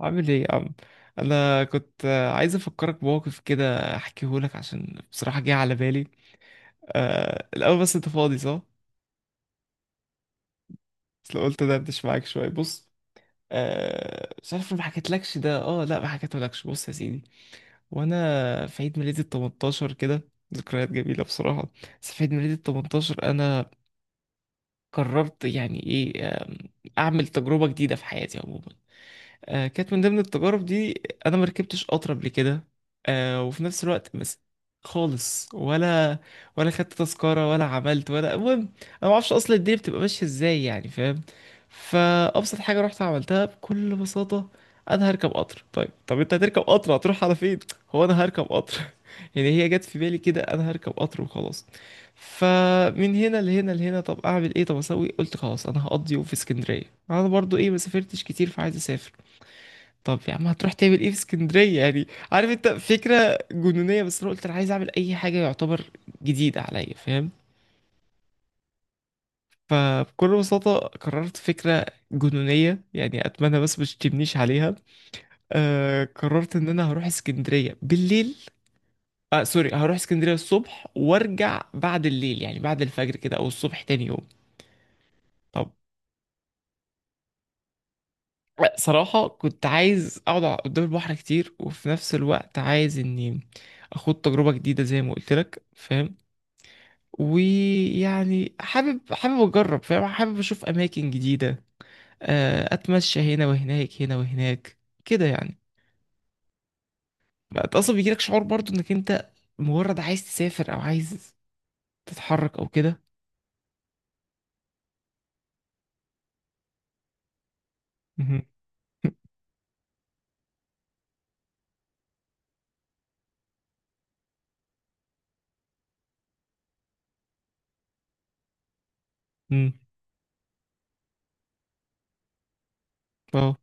عامل ايه يا عم؟ انا كنت عايز افكرك بموقف كده احكيه لك عشان بصراحه جه على بالي. الاول، بس انت فاضي صح؟ بس لو قلت دردش معاك شويه، بص. مش عارف لو ما حكيتلكش ده، لا ما حكيتهولكش. بص يا سيدي، وانا في عيد ميلادي ال 18 كده، ذكريات جميله بصراحه. بس في عيد ميلادي ال 18 انا قررت يعني ايه، اعمل تجربه جديده في حياتي عموما. كانت من ضمن التجارب دي انا ما ركبتش قطر قبل كده. وفي نفس الوقت بس خالص، ولا خدت تذكرة ولا عملت ولا، المهم انا ما اعرفش اصلا الدنيا بتبقى ماشية ازاي، يعني فاهم. فابسط حاجة رحت عملتها بكل بساطة، انا هركب قطر. طيب، طب انت هتركب قطر هتروح على فين؟ هو انا هركب قطر؟ يعني هي جت في بالي كده، انا هركب قطر وخلاص. فمن هنا لهنا لهنا، طب اعمل ايه؟ طب اسوي، قلت خلاص انا هقضي يوم في اسكندريه. انا برضو ايه، ما سافرتش كتير فعايز اسافر. طب يا عم، هتروح تعمل ايه في اسكندرية يعني؟ عارف انت، فكرة جنونية، بس انا قلت انا عايز اعمل اي حاجة يعتبر جديدة عليا، فاهم. فبكل بساطة قررت فكرة جنونية، يعني اتمنى بس مش تبنيش عليها. قررت ان انا هروح اسكندرية بالليل. سوري، هروح اسكندرية الصبح وارجع بعد الليل، يعني بعد الفجر كده او الصبح تاني يوم. طب، صراحة كنت عايز اقعد قدام البحر كتير، وفي نفس الوقت عايز اني اخد تجربة جديدة زي ما قلت لك، فاهم. ويعني حابب اجرب، فاهم، حابب اشوف اماكن جديده. اتمشى هنا وهناك هنا وهناك، كده يعني. انت اصلا بيجيلك شعور برضو انك انت مجرد عايز تسافر او عايز تتحرك او كده، مهم. مم. اه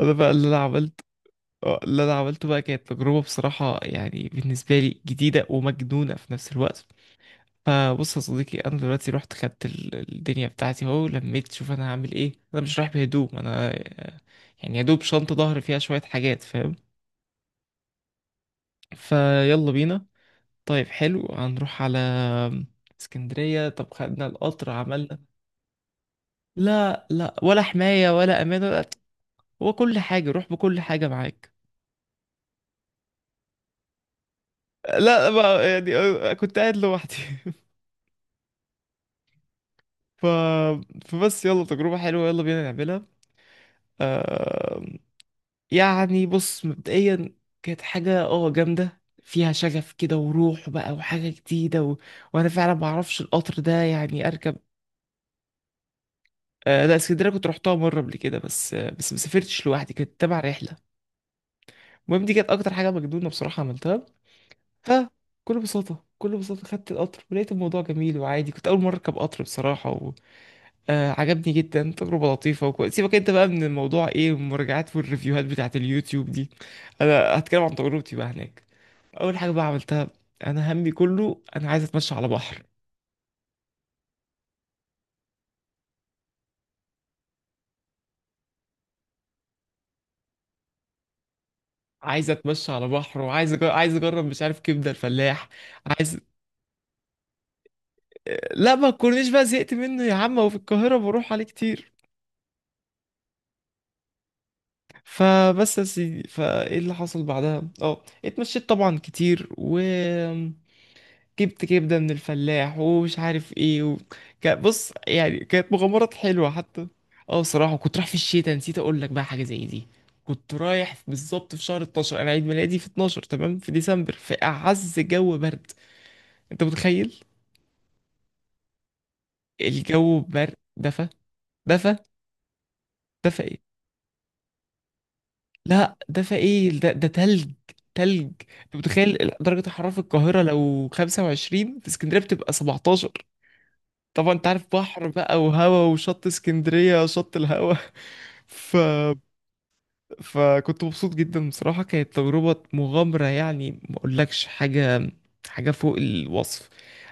انا بقى اللي انا عملته، اللي انا عملته بقى كانت تجربه بصراحه يعني بالنسبه لي جديده ومجنونه في نفس الوقت. فبص يا صديقي، انا دلوقتي رحت خدت الدنيا بتاعتي اهو، لميت، شوف انا هعمل ايه، انا مش رايح بهدوم، انا يعني يا دوب شنطه ظهر فيها شويه حاجات، فاهم. فيلا بينا. طيب حلو، هنروح على اسكندريه. طب خدنا القطر، عملنا. لا لا، ولا حمايه ولا امانه ولا. هو كل حاجه، روح بكل حاجه معاك. لا بقى يعني، كنت قاعد لوحدي. ف... فبس يلا، تجربه حلوه يلا بينا نعملها. آه... يعني بص مبدئيا، كانت حاجة جامدة فيها شغف كده وروح بقى وحاجة جديدة وانا فعلا ما اعرفش القطر ده يعني اركب. آه لا، اسكندرية كنت رحتها مرة قبل كده، بس ما سافرتش لوحدي، كانت تبع رحلة. المهم دي كانت اكتر حاجة مجنونة بصراحة عملتها. فكل بساطة خدت القطر، ولقيت الموضوع جميل وعادي، كنت اول مرة اركب قطر بصراحة. عجبني جدا، تجربة لطيفة وكويس. سيبك انت بقى من الموضوع ايه المراجعات والريفيوهات بتاعت اليوتيوب دي، انا هتكلم عن تجربتي بقى هناك. اول حاجة بقى عملتها، انا همي كله انا عايز اتمشى على بحر. عايز اتمشى على بحر، وعايز أجرب عايز اجرب مش عارف كبدة الفلاح. عايز آه، لا، ما تكونيش بقى زهقت منه يا عم، وفي القاهرة بروح عليه كتير. فبس يا سيدي، فايه اللي حصل بعدها؟ اه اتمشيت طبعا كتير، و جبت كبدة من الفلاح، ومش عارف ايه، بص يعني، كانت مغامرات حلوة حتى. اه بصراحة كنت رايح في الشتاء، نسيت اقول لك بقى حاجة زي دي. كنت رايح بالظبط في شهر 12، انا عيد ميلادي في 12 تمام، في ديسمبر، في اعز جو برد. انت متخيل؟ الجو برد، دفى دفى، دفى ايه؟ لا دفى ايه ده تلج. تلج. انت متخيل درجة حرارة في القاهرة لو 25، في اسكندرية بتبقى 17. طبعا انت عارف، بحر بقى وهوا، وشط اسكندرية شط الهوا. ف... فكنت مبسوط جدا بصراحة، كانت تجربة مغامرة، يعني ما اقولكش حاجة، حاجة فوق الوصف.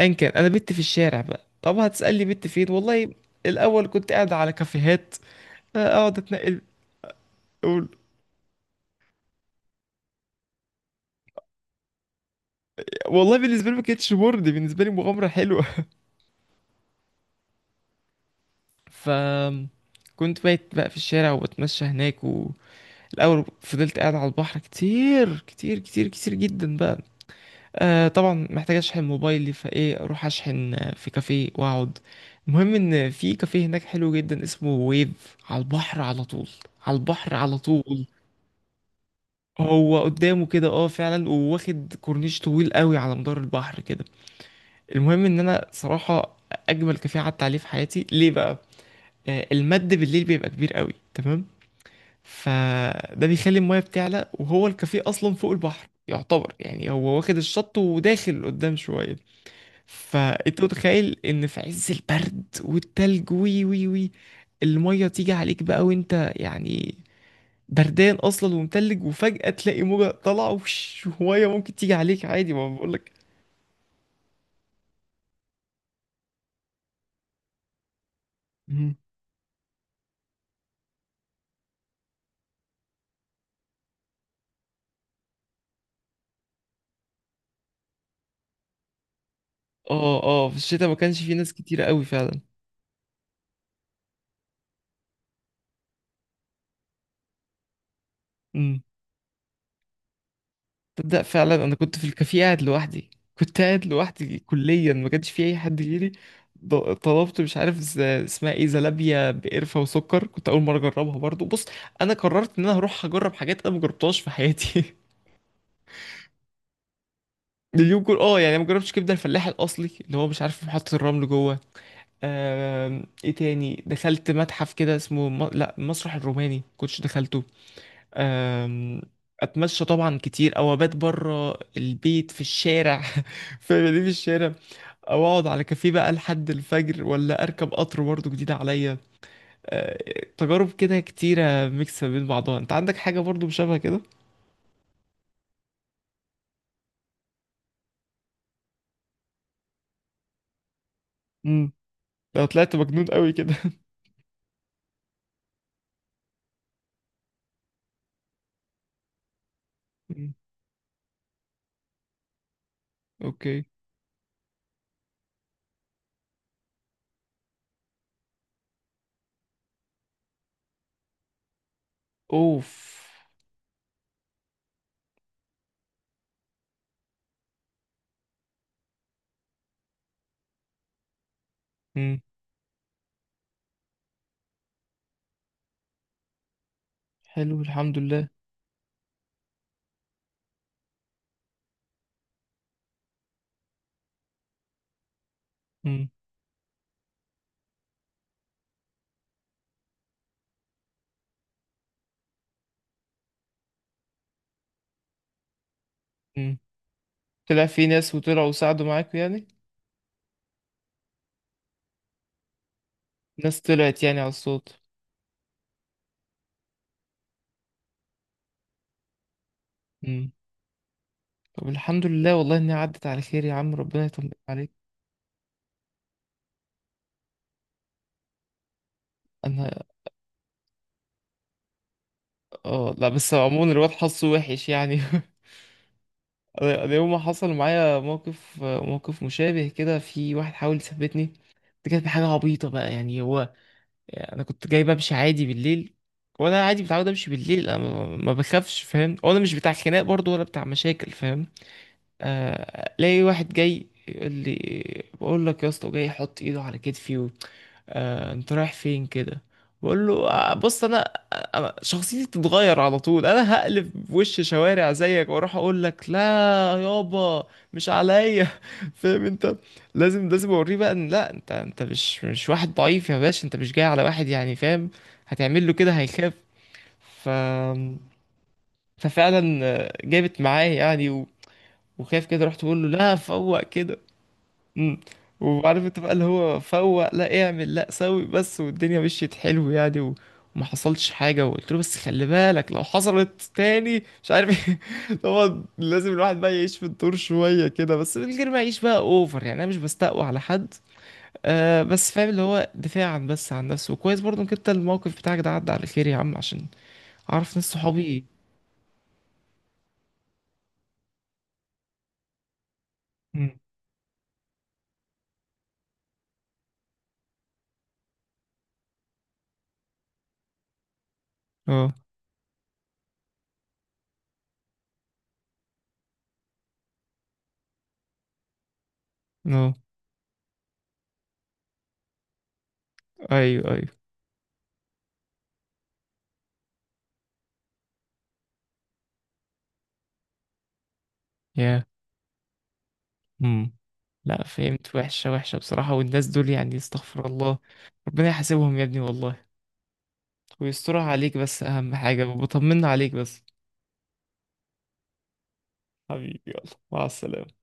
ايا كان، انا بت في الشارع بقى. طب هتسألني بت فين؟ والله الاول كنت قاعد على كافيهات، اقعد اتنقل، أقول- والله بالنسبة لي ما كانتش مرضي، بالنسبة لي مغامرة حلوة. ف كنت بايت بقى في الشارع، وبتمشى هناك. الاول فضلت قاعد على البحر كتير كتير كتير كتير جدا بقى. طبعا محتاج اشحن موبايلي، فايه اروح اشحن في كافيه واقعد. المهم ان في كافيه هناك حلو جدا اسمه ويف، على البحر على طول، على البحر على طول. هو قدامه كده، فعلا، وواخد كورنيش طويل قوي على مدار البحر كده. المهم ان انا صراحة، اجمل كافيه قعدت عليه في حياتي، ليه بقى؟ المد بالليل بيبقى كبير قوي، تمام؟ فده بيخلي المايه بتعلى، وهو الكافيه اصلا فوق البحر يعتبر، يعني هو واخد الشط وداخل قدام شويه. فانت متخيل ان في عز البرد والتلج، وي وي وي، المايه تيجي عليك بقى وانت يعني بردان اصلا ومتلج، وفجاه تلاقي موجه طالعه وش ميه ممكن تيجي عليك عادي، ما بقولك. مم. اه اه، في الشتاء ما كانش في ناس كتيره قوي فعلا. تبدأ فعلا، انا كنت في الكافيه قاعد لوحدي، كنت قاعد لوحدي كليا، ما كانش في اي حد غيري. طلبت، مش عارف اسمها ايه، زلابيا بقرفه وسكر، كنت اول مره اجربها برضو، بص انا قررت ان انا هروح اجرب حاجات انا ما جربتهاش في حياتي. اليوم كله، يعني ما جربتش كبده الفلاح الاصلي اللي هو مش عارف في محطه الرمل جوه. ايه تاني، دخلت متحف كده اسمه لا، المسرح الروماني كنتش دخلته. أم، اتمشى طبعا كتير، او ابات بره البيت في الشارع، في مدينة الشارع، او اقعد على كافيه بقى لحد الفجر، ولا اركب قطر برضه جديد عليا. أه، تجارب كده كتيرة ميكس ما بين بعضها، انت عندك حاجة برضه شبه كده؟ امم لو طلعت مجنون قوي كده. مم. اوكي. اوف. مم. حلو، الحمد لله. مم. مم. طلع في ناس وطلعوا وساعدوا معاك يعني؟ ناس طلعت يعني على الصوت. طب الحمد لله، والله اني عدت على خير يا عم، ربنا يطمن عليك. انا اه لا، بس عموما الواد حظه وحش يعني. انا يوم ما حصل معايا موقف مشابه كده، في واحد حاول يثبتني. دي كانت حاجه عبيطه بقى، يعني هو، يعني انا كنت جاي بمشي عادي بالليل، وانا عادي متعود امشي بالليل، انا ما بخافش، فاهم، وانا مش بتاع خناق برضو ولا بتاع مشاكل، فاهم. الاقي واحد جاي يقول لي بقول لك يا اسطى، جاي يحط ايده على كتفي و... انت رايح فين كده؟ بقول له: بص انا، أنا شخصيتي بتتغير على طول، انا هقلب في وش شوارع زيك واروح اقول لك لا، يابا، مش عليا، فاهم انت. لازم اوريه بقى ان لا، انت مش واحد ضعيف يا باشا، انت مش جاي على واحد، يعني فاهم، هتعمل له كده هيخاف. ف ففعلا جابت معاه يعني، وخايف كده، رحت بقول له لا فوق كده. امم. وعارف انت بقى اللي هو فوق، لا اعمل لا سوي بس، والدنيا مشيت حلو يعني وما حصلش حاجة. وقلت له بس خلي بالك لو حصلت تاني، مش عارف ايه. طبعا لازم الواحد بقى يعيش في الدور شوية كده، بس من غير ما يعيش بقى اوفر، يعني انا مش بستقوى على حد. بس فاهم، اللي هو دفاعا بس عن نفسه. وكويس برضه انك انت الموقف بتاعك ده عدى على خير يا عم، عشان اعرف ناس صحابي. مم. اه اه. ايوه ايوه. يا امم لا، فهمت، وحشة وحشة بصراحة، والناس دول يعني استغفر الله، ربنا يحاسبهم يا ابني والله. ويسترها عليك بس، أهم حاجة وبطمنا عليك بس. حبيبي، يلا، مع السلامة.